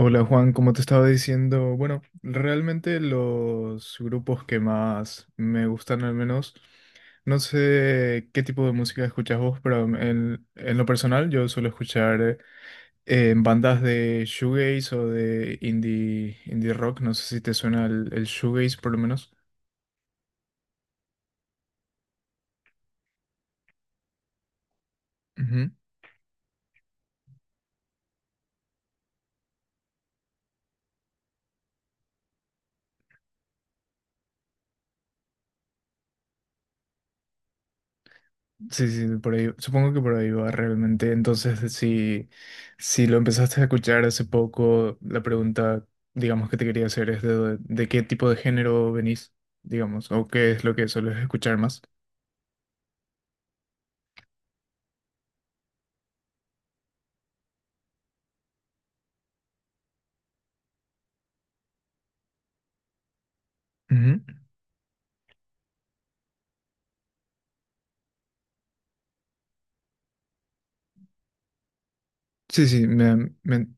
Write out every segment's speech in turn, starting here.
Hola Juan, como te estaba diciendo, bueno, realmente los grupos que más me gustan al menos, no sé qué tipo de música escuchas vos, pero en lo personal yo suelo escuchar bandas de shoegaze o de indie, indie rock, no sé si te suena el shoegaze por lo menos. Sí, sí, por ahí, supongo que por ahí va realmente. Entonces, si lo empezaste a escuchar hace poco, la pregunta, digamos, que te quería hacer es de qué tipo de género venís, digamos, o qué es lo que sueles escuchar más. Ujú. Sí, sí,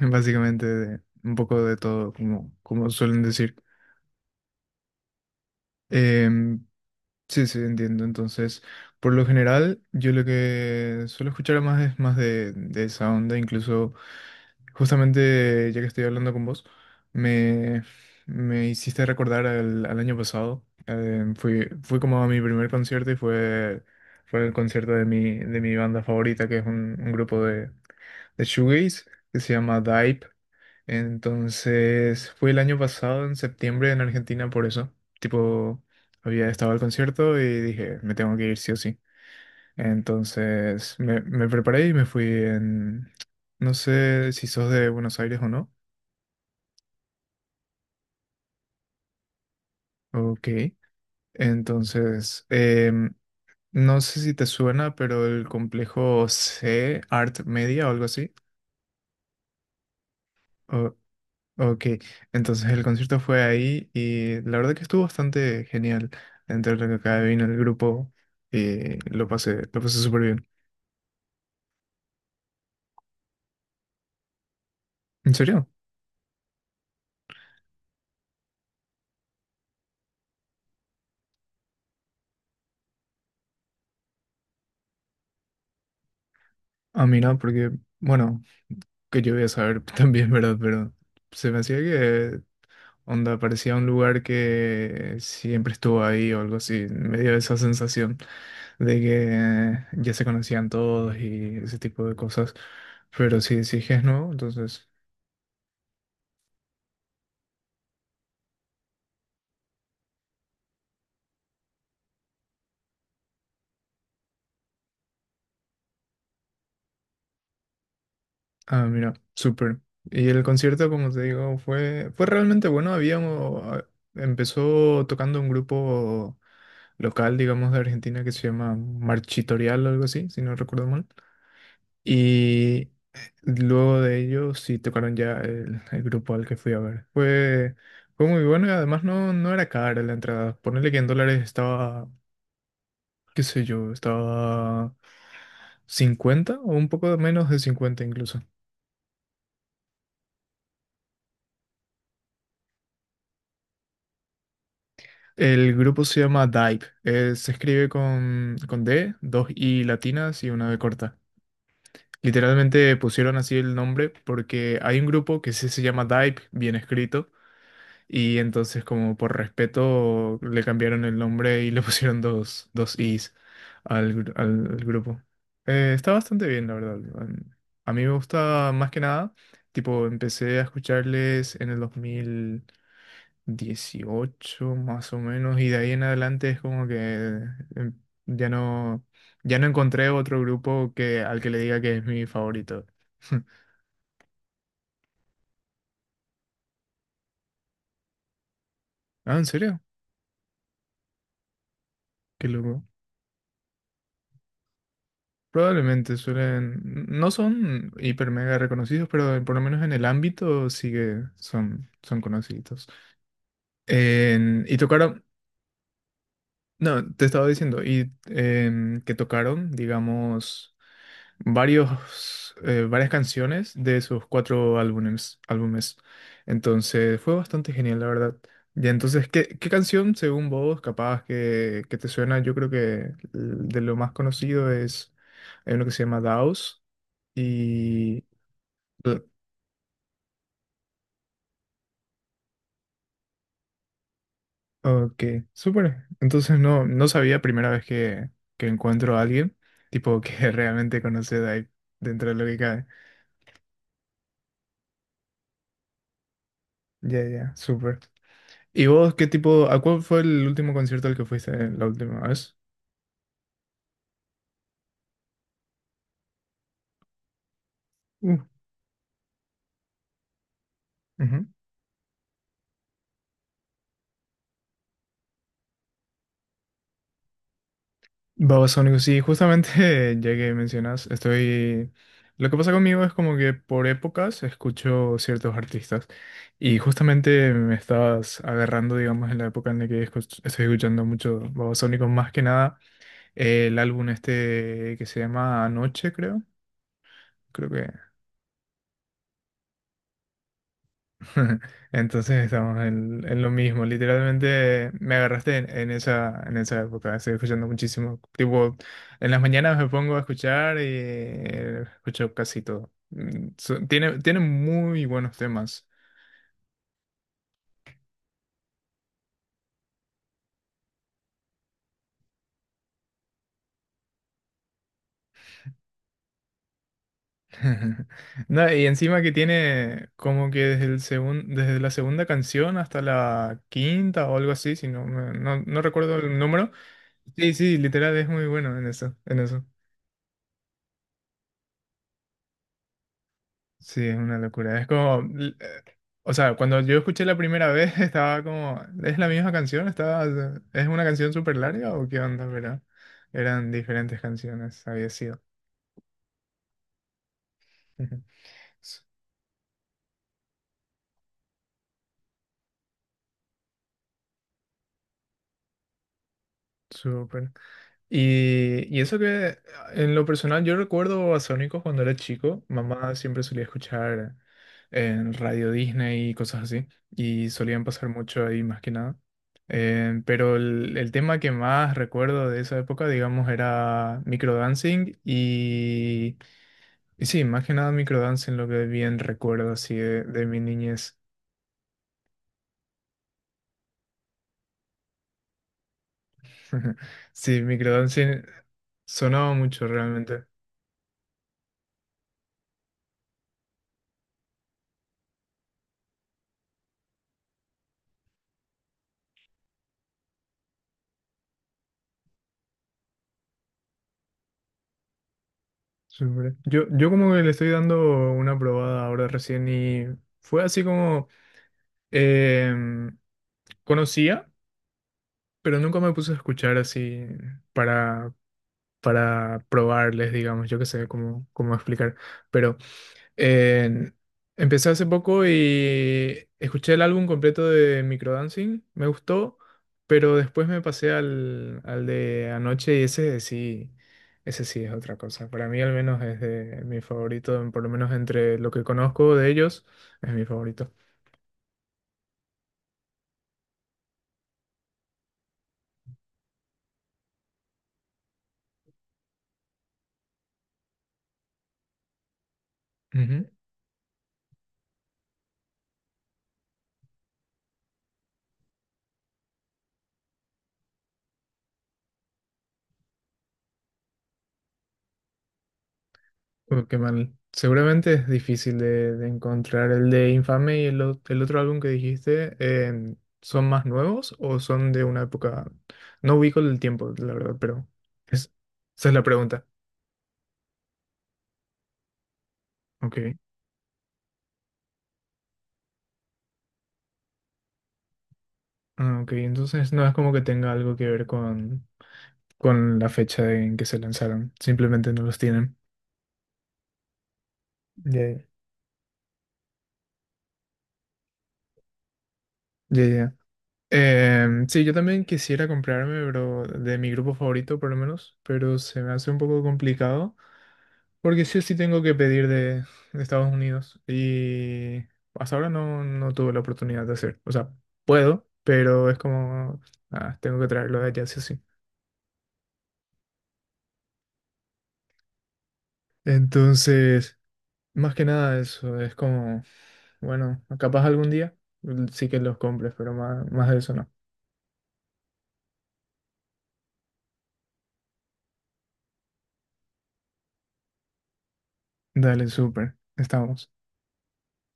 básicamente un poco de todo, como, como suelen decir. Em, sí, sí, entiendo. Entonces, por lo general, yo lo que suelo escuchar más es más de esa onda. Incluso, justamente ya que estoy hablando con vos, me, me hiciste recordar al año pasado. Fui como a mi primer concierto y fue el concierto de mi banda favorita, que es un grupo de shoegaze que se llama Dive. Entonces, fui el año pasado, en septiembre, en Argentina, por eso. Tipo, había estado al concierto y dije, me tengo que ir sí o sí. Entonces, me preparé y me fui en... No sé si sos de Buenos Aires o no. Ok. Entonces, em, no sé si te suena, pero el complejo C, Art Media o algo así. Ok, entonces el concierto fue ahí y la verdad que estuvo bastante genial. Entre lo que acá vino el grupo y lo pasé súper bien. ¿En serio? A mí no, porque, bueno, que yo voy a saber también, ¿verdad? Pero se me hacía que onda parecía un lugar que siempre estuvo ahí o algo así. Me dio esa sensación de que ya se conocían todos y ese tipo de cosas. Pero si sí es que es nuevo, entonces. Ah, mira, súper. Y el concierto, como te digo, fue realmente bueno. Empezó tocando un grupo local, digamos, de Argentina que se llama Marchitorial o algo así, si no recuerdo mal. Y luego de ellos sí tocaron ya el grupo al que fui a ver. Fue muy bueno y además no, no era cara la entrada. Ponerle que en dólares estaba, qué sé yo, estaba 50 o un poco menos de 50 incluso. El grupo se llama Dive. Se escribe con D, dos I latinas y una B corta. Literalmente pusieron así el nombre porque hay un grupo que sí se llama Dive, bien escrito, y entonces como por respeto le cambiaron el nombre y le pusieron dos Is al grupo. Está bastante bien, la verdad. Em, a mí me gusta más que nada, tipo, empecé a escucharles en el 2000 dieciocho más o menos, y de ahí en adelante es como que em, ya no, ya no encontré otro grupo que, al que le diga que es mi favorito. Ah, ¿en serio? Qué loco. Probablemente suelen, no son hiper mega reconocidos, pero por lo menos en el ámbito sí que son conocidos. Y tocaron, no, te estaba diciendo, y que tocaron, digamos, varios, varias canciones de sus cuatro álbumes. Entonces fue bastante genial, la verdad. Ya, entonces, ¿qué canción, según vos, capaz que te suena? Yo creo que de lo más conocido es, hay uno que se llama Daos y... eh, ok, súper. Entonces no, no sabía primera vez que encuentro a alguien, tipo que realmente conoce de ahí, dentro de lo que cabe. Ya, ya, súper. ¿Y vos qué tipo, a cuál fue el último concierto al que fuiste la última vez? Mm. Ujú. Babasónicos, sí, justamente ya que mencionas, estoy... Lo que pasa conmigo es como que por épocas escucho ciertos artistas y justamente me estabas agarrando, digamos, en la época en la que estoy escuchando mucho Babasónicos, más que nada el álbum este que se llama Anoche, creo, creo que entonces estamos en lo mismo. Literalmente me agarraste en esa época. Estoy escuchando muchísimo. Tipo, en las mañanas me pongo a escuchar y escucho casi todo. Tiene, tiene muy buenos temas. No, y encima que tiene como que desde la segunda canción hasta la quinta o algo así, si no, no recuerdo el número. Sí, sí, literal es muy bueno en eso, en eso. Sí, es una locura. Es como, o sea, cuando yo escuché la primera vez estaba como, ¿es la misma canción? Estaba, ¿es una canción súper larga o qué onda? Pero eran diferentes canciones, había sido. Súper. Y eso que en lo personal yo recuerdo a Sónicos cuando era chico, mamá siempre solía escuchar en Radio Disney y cosas así, y solían pasar mucho ahí más que nada. Pero el tema que más recuerdo de esa época, digamos, era microdancing y sí, más que nada microdancing lo que bien recuerdo así de mi niñez. Sí, microdancing sonaba mucho realmente. Súper. Yo como que le estoy dando una probada ahora recién y fue así como em, conocía, pero nunca me puse a escuchar así para, para probarles, digamos, yo qué sé cómo, cómo explicar. Pero en- empecé hace poco y escuché el álbum completo de Microdancing, me gustó, pero después me pasé al de anoche y ese sí es otra cosa. Para mí al menos es mi favorito, por lo menos entre lo que conozco de ellos, es mi favorito. Qué mal. Seguramente es difícil de encontrar. ¿El de Infame y el otro álbum que dijiste, son más nuevos o son de una época? No ubico el tiempo, la verdad, pero es- esa es la pregunta. Ok. Ah, ok, entonces no es como que tenga algo que ver con la fecha en que se lanzaron. Simplemente no los tienen. Ya, ya. Ya, ya. Em, sí, yo también quisiera comprarme, pero de mi grupo favorito por lo menos, pero se me hace un poco complicado porque sí o sí tengo que pedir de Estados Unidos y hasta ahora no, no tuve la oportunidad de hacer. O sea, puedo, pero es como, ah, tengo que traerlo de allá sí o sí. Entonces, más que nada eso, es como, bueno, capaz algún día sí que los compres, pero más, más de eso no. Dale, súper, estamos.